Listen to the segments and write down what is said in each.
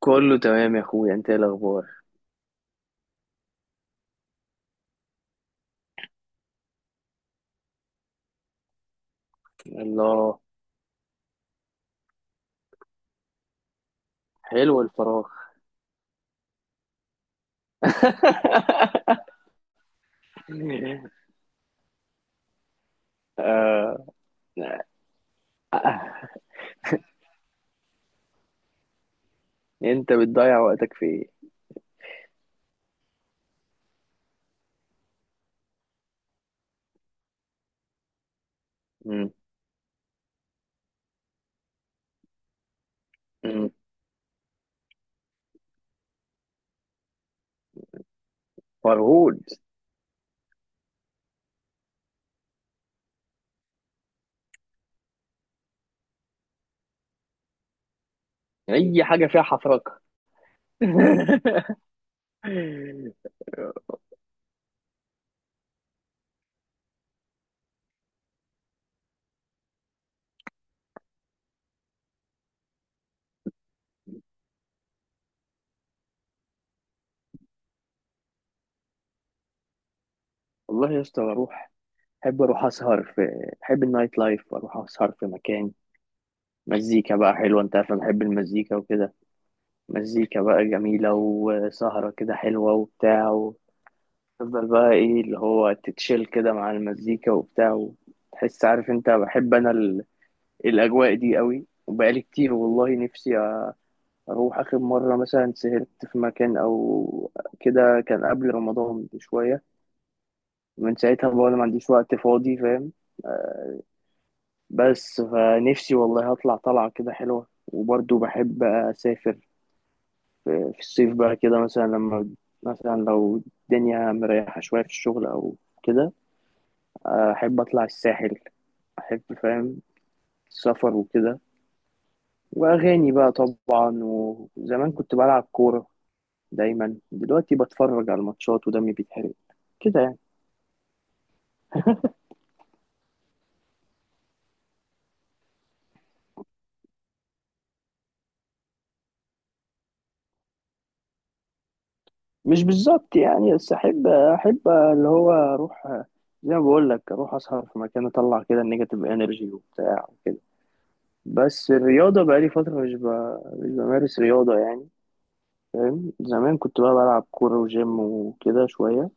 كله تمام يا اخويا، انت ايه الاخبار؟ الله. حلو الفراغ. آه. انت بتضيع وقتك في ايه؟ مم. مم. فرهود. اي حاجه فيها حفرقه. والله يا اسطى بروح. احب النايت لايف، اروح اسهر في مكان، مزيكا بقى حلوه. انت عارف انا بحب المزيكا وكده. مزيكا بقى جميله وسهره كده حلوه وبتاع. تفضل بقى ايه اللي هو تتشيل كده مع المزيكا وبتاع، وتحس، عارف انت، بحب انا الاجواء دي قوي، وبقالي كتير والله نفسي اروح. اخر مرة مثلا سهرت في مكان او كده كان قبل رمضان بشوية. من ساعتها بقى أنا ما عنديش وقت فاضي، فاهم. بس فنفسي والله هطلع طلعة كده حلوة، وبرضه بحب أسافر في الصيف بقى كده، مثلا لما مثلا لو الدنيا مريحة شوية في الشغل أو كده. أحب أطلع الساحل، احب فاهم السفر وكده. واغاني بقى طبعا، وزمان كنت بلعب كوره. دايما دلوقتي بتفرج على الماتشات ودمي بيتحرق كده يعني. مش بالظبط يعني، بس احب اللي هو اروح، زي ما بقول لك اروح اسهر في مكان، اطلع كده النيجاتيف انرجي وبتاع. بس الرياضه بقى لي فتره، مش بمارس رياضه يعني. فاهم زمان كنت بقى بلعب كوره وجيم وكده شويه،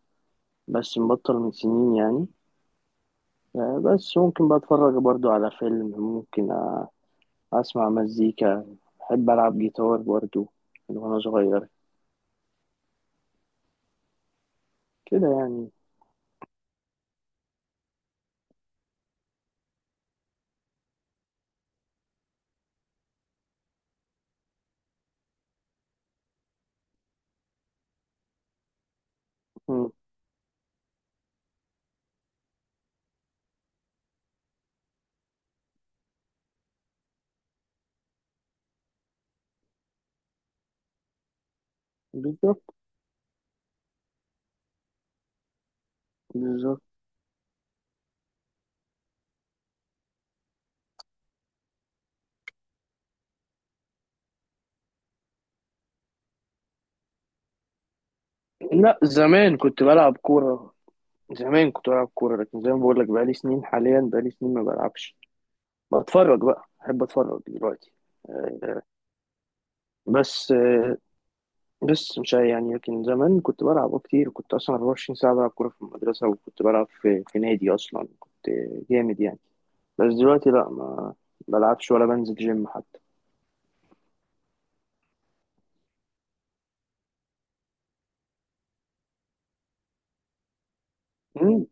بس مبطل من سنين يعني. بس ممكن بقى اتفرج برضو على فيلم. ممكن اسمع مزيكا. بحب العب جيتار برضو من وانا صغير كده يعني. مم. بالظبط. بالظبط. لا زمان كنت بلعب كورة، زمان كنت بلعب كورة لكن زي ما بقول لك بقالي سنين، حاليا بقالي سنين ما بلعبش. بتفرج بقى، بحب اتفرج دلوقتي. آه، بس آه، بس مش عارف يعني. لكن زمان كنت بلعب كتير. كنت اصلا 24 ساعة بلعب كورة في المدرسة، وكنت بلعب في نادي اصلا. كنت جامد يعني. بس دلوقتي لا، ما بلعبش ولا بنزل جيم حتى. مم.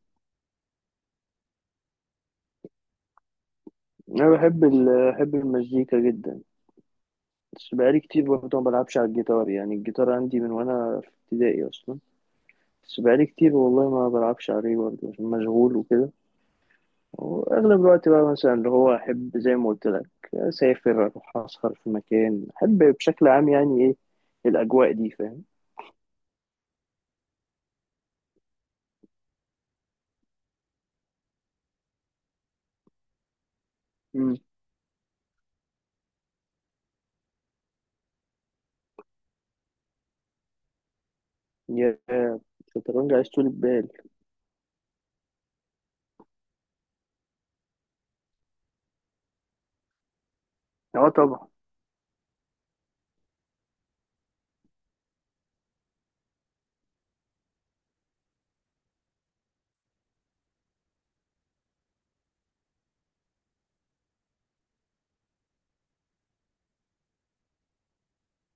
انا بحب بحب المزيكا جدا. بس بقالي كتير برضه ما بلعبش على الجيتار، يعني الجيتار عندي من وانا في ابتدائي اصلا. بس بقالي كتير والله ما بلعبش عليه برضه، عشان مشغول وكده. واغلب الوقت بقى مثلا اللي هو احب، زي ما قلت لك، اسافر، اروح اسهر في مكان. احب بشكل عام يعني ايه الاجواء دي، فاهم. امم. يا الشطرنج عايز طول بال. اه طبعا.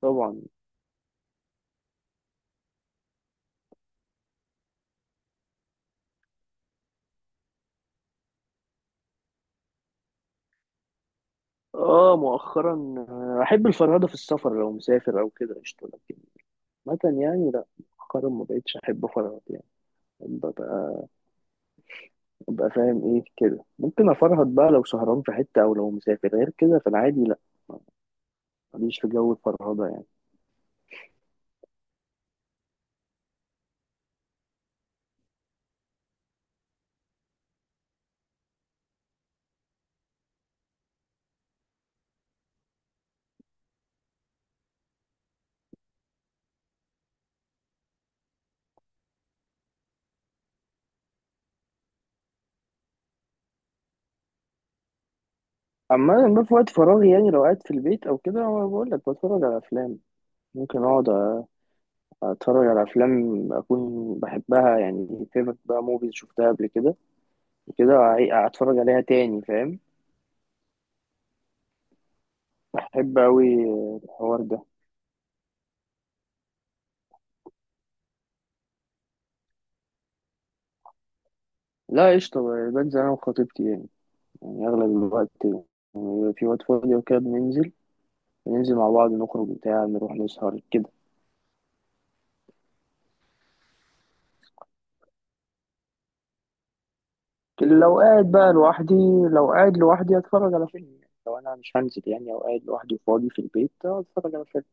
طبعا اه. مؤخرا احب الفرهده في السفر، لو مسافر او كده قشطه. لكن مثلا يعني لا، مؤخرا ما بقتش احب افرهد يعني. ببقى ببقى فاهم ايه كده. ممكن افرهد بقى لو سهران في حته او لو مسافر، غير كده في العادي لا، ماليش في جو الفرهده يعني. اما انا في وقت فراغي يعني لو قاعد في البيت او كده، أنا بقول لك بتفرج على افلام. ممكن اقعد اتفرج على افلام اكون بحبها يعني، فيفرت بقى موفيز شفتها قبل كده وكده، اتفرج عليها تاني، فاهم. احب اوي الحوار ده. لا قشطة، بنزل أنا وخطيبتي يعني. يعني أغلب الوقت يعني في وقت فاضي وكده بننزل مع بعض، نخرج بتاع، نروح نسهر كده. لو قاعد بقى لوحدي، لو قاعد لوحدي أتفرج على فيلم. يعني لو أنا مش هنزل يعني أو قاعد لوحدي فاضي في البيت أتفرج على فيلم،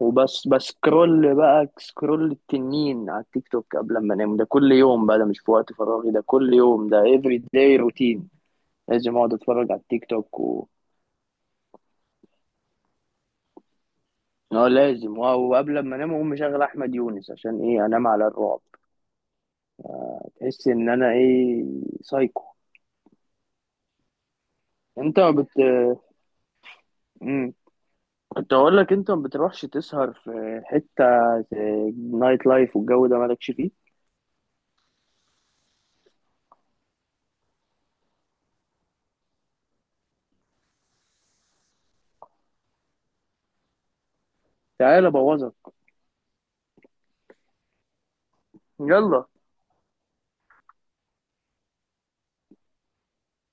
وبس. بسكرول بقى، سكرول التنين على التيك توك قبل ما أنام. ده كل يوم بقى، ده مش في وقت فراغي، ده كل يوم، ده every day روتين. لازم أقعد أتفرج على التيك توك. اه لازم. اه، وقبل ما انام اقوم مشغل احمد يونس عشان ايه انام على الرعب. تحس ان انا ايه، سايكو. انت ما بت. مم. كنت اقول لك، انت ما بتروحش تسهر في حته؟ نايت لايف والجو ده مالكش فيه؟ تعال ابوظك. يلا.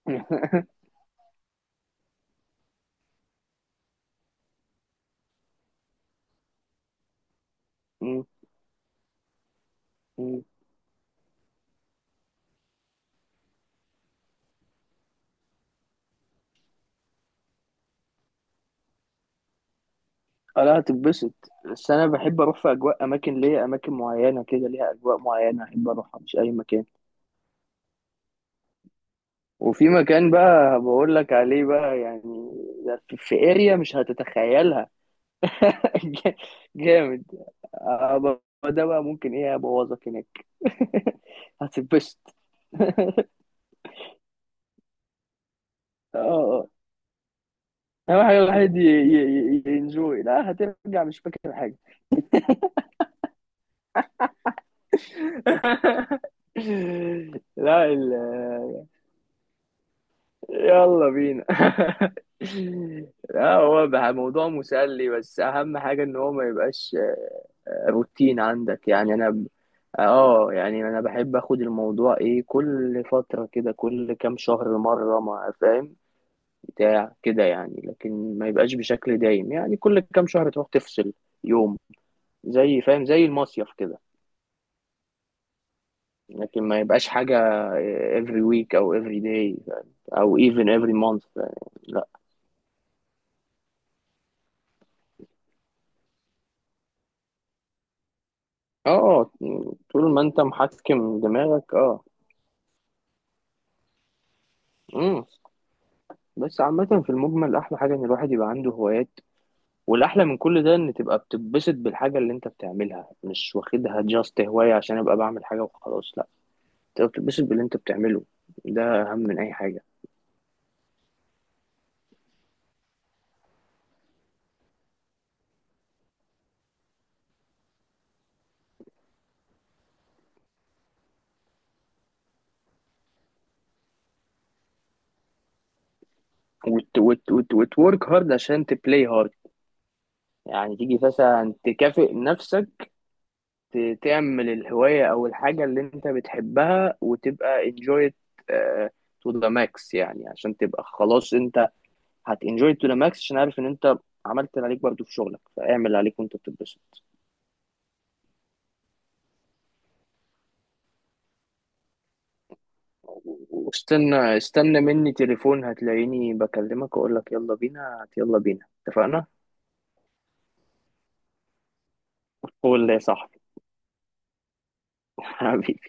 مم. مم. اه لا، هتتبسط. بس انا بحب اروح في اجواء، اماكن ليا، اماكن معينه كده ليها اجواء معينه احب اروحها، مش اي مكان. وفي مكان بقى بقول لك عليه بقى يعني، ده في اريا مش هتتخيلها. جامد. ده بقى ممكن ايه ابوظك هناك. هتتبسط. اه. آه. اهم حاجه الواحد ينجوي. لا هترجع مش فاكر حاجه. لا. يلا بينا. لا، هو بقى موضوع مسلي، بس اهم حاجه ان هو ما يبقاش روتين عندك يعني. اه يعني انا بحب اخد الموضوع ايه كل فترة كده، كل كام شهر مرة ما فاهم بتاع كده يعني. لكن ما يبقاش بشكل دايم، يعني كل كام شهر تروح تفصل يوم، زي فاهم زي المصيف كده. لكن ما يبقاش حاجة every week او every day او even every month، لا. اه، طول ما انت محكم دماغك اه. امم. بس عامة في المجمل أحلى حاجة إن الواحد يبقى عنده هوايات. والاحلى من كل ده ان تبقى بتتبسط بالحاجه اللي انت بتعملها، مش واخدها جاست هوايه عشان ابقى بعمل حاجه وخلاص. لا، تبقى بتتبسط باللي انت بتعمله، ده اهم من اي حاجه. وت وت وت وتورك هارد عشان تبلاي هارد. يعني تيجي مثلا تكافئ نفسك، تعمل الهوايه او الحاجه اللي انت بتحبها وتبقى enjoy it آه، to the max يعني. عشان تبقى خلاص انت هت enjoy it to the max، عشان عارف ان انت عملت اللي عليك برضو في شغلك، فاعمل اللي عليك وانت بتتبسط. واستنى مني تليفون، هتلاقيني بكلمك واقول لك يلا بينا، هات يلا بينا، اتفقنا. قول لي يا صاحبي. حبيبي.